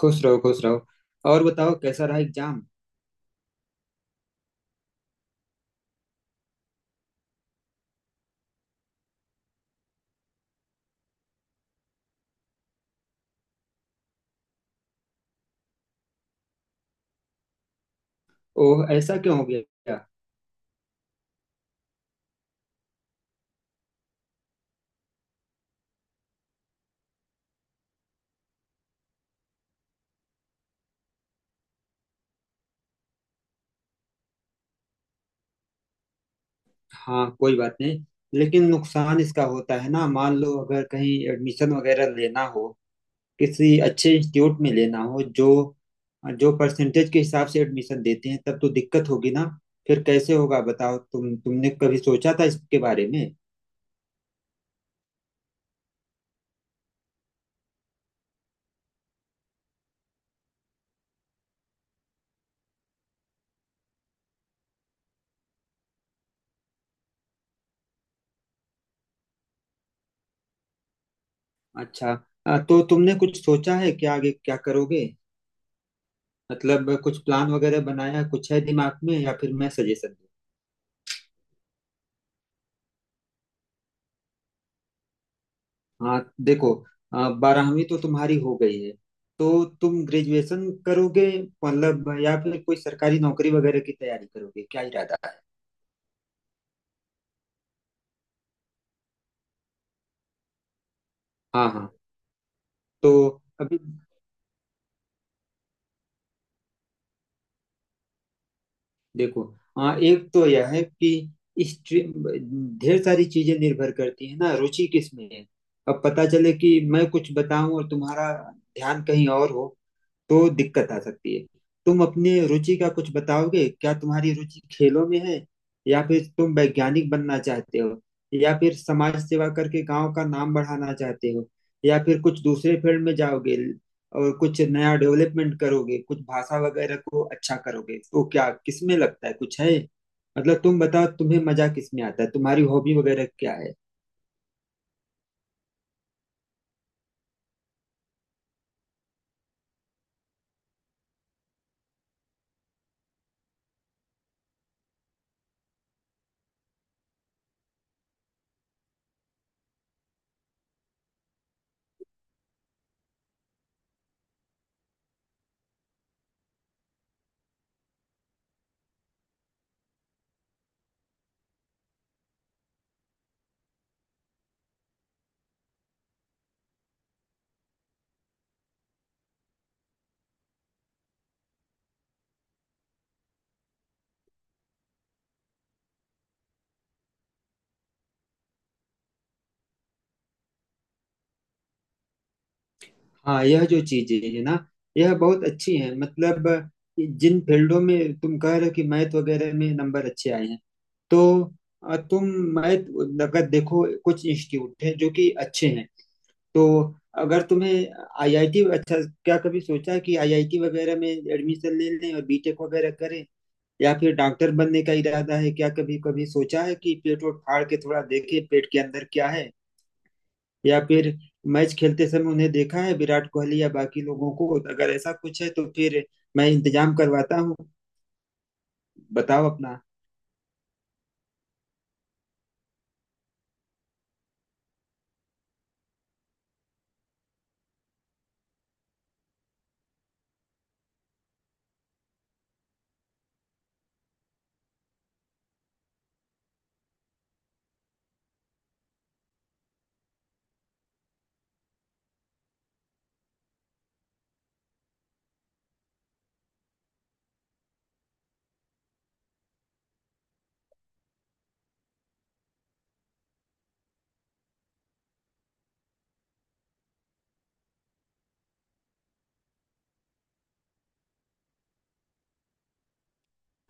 खुश रहो खुश रहो। और बताओ कैसा रहा एग्जाम। ओह, ऐसा क्यों हो गया? हाँ कोई बात नहीं। लेकिन नुकसान इसका होता है ना, मान लो अगर कहीं एडमिशन वगैरह लेना हो, किसी अच्छे इंस्टीट्यूट में लेना हो, जो जो परसेंटेज के हिसाब से एडमिशन देते हैं, तब तो दिक्कत होगी ना। फिर कैसे होगा बताओ? तुमने कभी सोचा था इसके बारे में? अच्छा। तो तुमने कुछ सोचा है कि आगे क्या करोगे? मतलब कुछ प्लान वगैरह बनाया, कुछ है दिमाग में, या फिर मैं सजेशन... हाँ देखो, बारहवीं तो तुम्हारी हो गई है, तो तुम ग्रेजुएशन करोगे, मतलब, या फिर कोई सरकारी नौकरी वगैरह की तैयारी करोगे? क्या इरादा है? हाँ हाँ। तो अभी देखो, हाँ, एक तो यह है कि स्ट्रीम, ढेर सारी चीजें निर्भर करती है ना, रुचि किस में है। अब पता चले कि मैं कुछ बताऊं और तुम्हारा ध्यान कहीं और हो, तो दिक्कत आ सकती है। तुम अपनी रुचि का कुछ बताओगे? क्या तुम्हारी रुचि खेलों में है, या फिर तुम वैज्ञानिक बनना चाहते हो, या फिर समाज सेवा करके गांव का नाम बढ़ाना चाहते हो, या फिर कुछ दूसरे फील्ड में जाओगे और कुछ नया डेवलपमेंट करोगे, कुछ भाषा वगैरह को अच्छा करोगे? तो क्या किसमें लगता है कुछ है? मतलब तुम बताओ, तुम्हें मजा किसमें आता है, तुम्हारी हॉबी वगैरह क्या है? हाँ, यह जो चीजें है ना, यह बहुत अच्छी है। मतलब, जिन फील्डों में तुम कह रहे हो कि मैथ वगैरह में नंबर अच्छे आए हैं, तो तुम, मैथ, अगर देखो कुछ इंस्टीट्यूट हैं जो कि अच्छे हैं, तो अगर तुम्हें आईआईटी अच्छा... क्या कभी सोचा है कि आईआईटी वगैरह में एडमिशन ले लें और बीटेक वगैरह करें? या फिर डॉक्टर बनने का इरादा है? क्या कभी कभी सोचा है कि पेट वोट फाड़ के थोड़ा देखें, पेट के अंदर क्या है, या फिर मैच खेलते समय उन्हें देखा है विराट कोहली या बाकी लोगों को? अगर ऐसा कुछ है तो फिर मैं इंतजाम करवाता हूँ। बताओ अपना।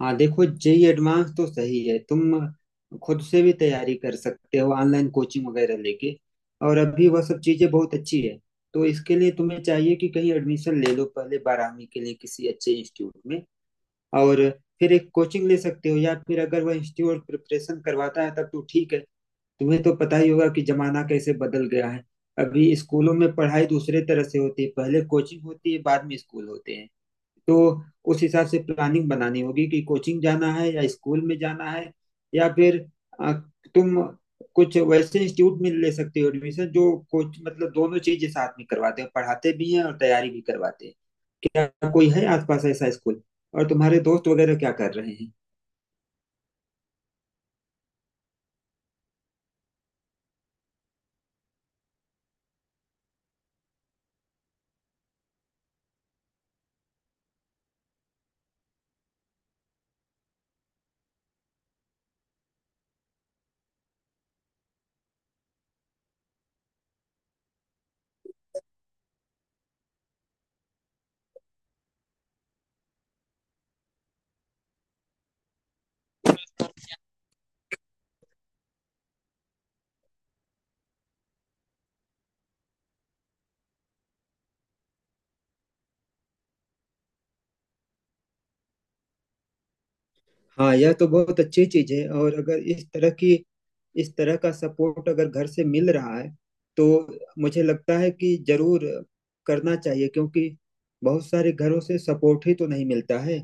हाँ देखो, जेई एडवांस तो सही है। तुम खुद से भी तैयारी कर सकते हो, ऑनलाइन कोचिंग वगैरह लेके, और अभी वह सब चीजें बहुत अच्छी है। तो इसके लिए तुम्हें चाहिए कि कहीं एडमिशन ले लो पहले बारहवीं के लिए किसी अच्छे इंस्टीट्यूट में, और फिर एक कोचिंग ले सकते हो, या फिर अगर वह इंस्टीट्यूट प्रिपरेशन करवाता है तब तो ठीक है। तुम्हें तो पता ही होगा कि जमाना कैसे बदल गया है। अभी स्कूलों में पढ़ाई दूसरे तरह से होती है, पहले कोचिंग होती है, बाद में स्कूल होते हैं। तो उस हिसाब से प्लानिंग बनानी होगी कि कोचिंग जाना है या स्कूल में जाना है, या फिर अ, तुम कुछ वैसे इंस्टीट्यूट में ले सकते हो एडमिशन, जो कोच... मतलब दोनों चीजें साथ में करवाते हैं, पढ़ाते भी हैं और तैयारी भी करवाते हैं। क्या कोई है आसपास ऐसा स्कूल? और तुम्हारे दोस्त वगैरह क्या कर रहे हैं? हाँ, यह तो बहुत अच्छी चीज है। और अगर इस तरह की, इस तरह का सपोर्ट अगर घर से मिल रहा है, तो मुझे लगता है कि जरूर करना चाहिए, क्योंकि बहुत सारे घरों से सपोर्ट ही तो नहीं मिलता है,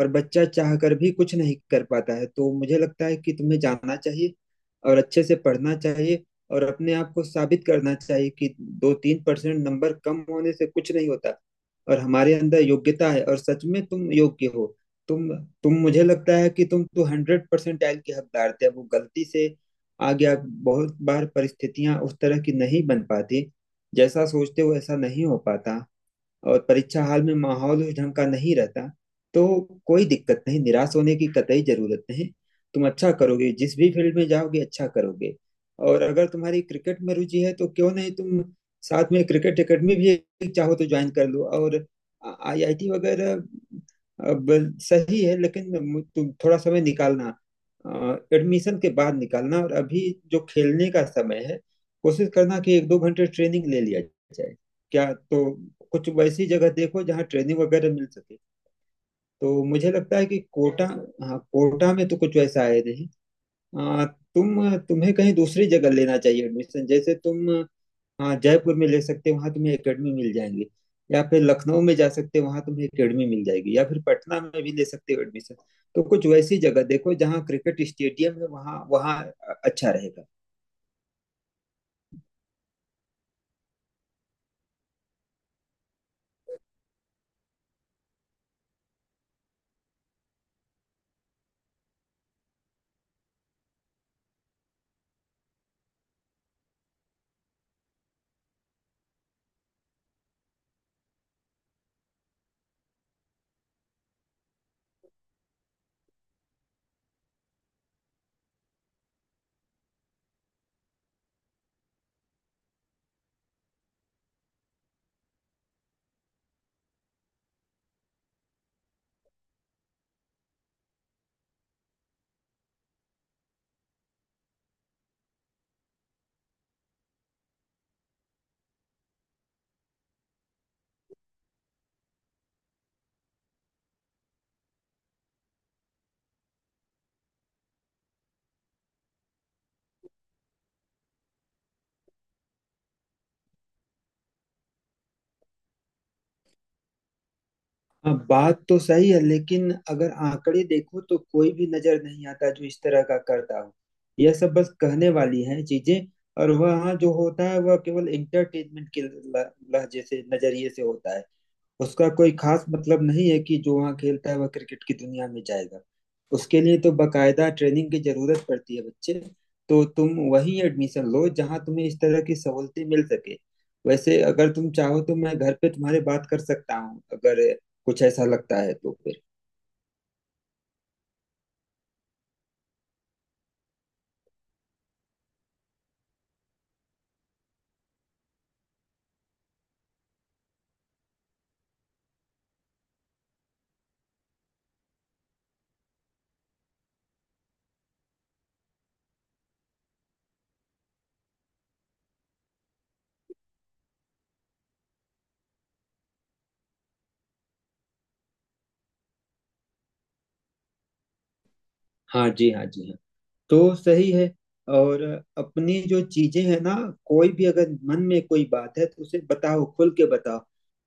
और बच्चा चाह कर भी कुछ नहीं कर पाता है। तो मुझे लगता है कि तुम्हें जाना चाहिए और अच्छे से पढ़ना चाहिए, और अपने आप को साबित करना चाहिए कि 2-3% नंबर कम होने से कुछ नहीं होता, और हमारे अंदर योग्यता है। और सच में तुम योग्य हो। तुम तुम, मुझे लगता है कि तुम तो हंड्रेड परसेंटाइल के हकदार थे, अब वो गलती से आ गया। बहुत बार परिस्थितियां उस तरह की नहीं बन पाती, जैसा सोचते हो ऐसा नहीं हो पाता, और परीक्षा हाल में माहौल उस ढंग का नहीं रहता। तो कोई दिक्कत नहीं, निराश होने की कतई जरूरत नहीं। तुम अच्छा करोगे, जिस भी फील्ड में जाओगे अच्छा करोगे। और अगर तुम्हारी क्रिकेट में रुचि है तो क्यों नहीं, तुम साथ में क्रिकेट एकेडमी भी एक चाहो तो ज्वाइन कर लो, और आईआईटी वगैरह अब सही है। लेकिन तुम थोड़ा समय निकालना, एडमिशन के बाद निकालना, और अभी जो खेलने का समय है, कोशिश करना कि 1-2 घंटे ट्रेनिंग ले लिया जाए। क्या तो कुछ वैसी जगह देखो जहाँ ट्रेनिंग वगैरह मिल सके। तो मुझे लगता है कि कोटा... हाँ, कोटा में तो कुछ वैसा है नहीं। तुम, तुम्हें कहीं दूसरी जगह लेना चाहिए एडमिशन, जैसे तुम, हाँ, जयपुर में ले सकते हो, वहाँ तुम्हें एकेडमी मिल जाएंगे, या फिर लखनऊ में जा सकते हो, वहाँ तुम्हें एकेडमी मिल जाएगी, या फिर पटना में भी ले सकते हो एडमिशन। तो कुछ वैसी जगह देखो जहाँ क्रिकेट स्टेडियम है, वहाँ वहाँ अच्छा रहेगा। हाँ बात तो सही है, लेकिन अगर आंकड़े देखो तो कोई भी नजर नहीं आता जो इस तरह का करता हो। यह सब बस कहने वाली है चीजें। और वह, हाँ, जो होता है वह केवल एंटरटेनमेंट के लहजे से, नजरिए से होता है। उसका कोई खास मतलब नहीं है कि जो वहाँ खेलता है वह क्रिकेट की दुनिया में जाएगा। उसके लिए तो बकायदा ट्रेनिंग की जरूरत पड़ती है, बच्चे। तो तुम वहीं एडमिशन लो जहाँ तुम्हें इस तरह की सहूलतें मिल सके। वैसे अगर तुम चाहो तो मैं घर पे तुम्हारे बात कर सकता हूँ, अगर कुछ ऐसा लगता है तो फिर... हाँ जी, हाँ जी, हाँ। तो सही है। और अपनी जो चीजें हैं ना, कोई भी अगर मन में कोई बात है तो उसे बताओ, खुल के बताओ,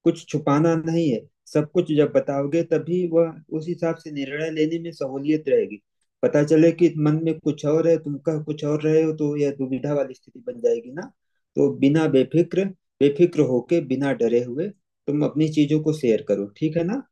कुछ छुपाना नहीं है। सब कुछ जब बताओगे, तभी वह उस हिसाब से निर्णय लेने में सहूलियत रहेगी। पता चले कि मन में कुछ और है, तुम कह कुछ और रहे हो, तो यह दुविधा वाली स्थिति बन जाएगी ना। तो बिना बेफिक्र, बेफिक्र होके, बिना डरे हुए तुम अपनी चीजों को शेयर करो, ठीक है ना?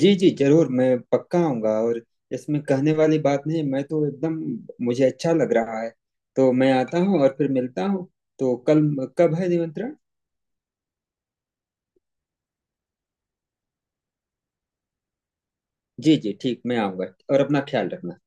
जी जी जरूर, मैं पक्का आऊंगा। और इसमें कहने वाली बात नहीं, मैं तो एकदम, मुझे अच्छा लग रहा है। तो मैं आता हूँ और फिर मिलता हूँ। तो कल कब है निमंत्रण? जी जी ठीक, मैं आऊंगा। और अपना ख्याल रखना।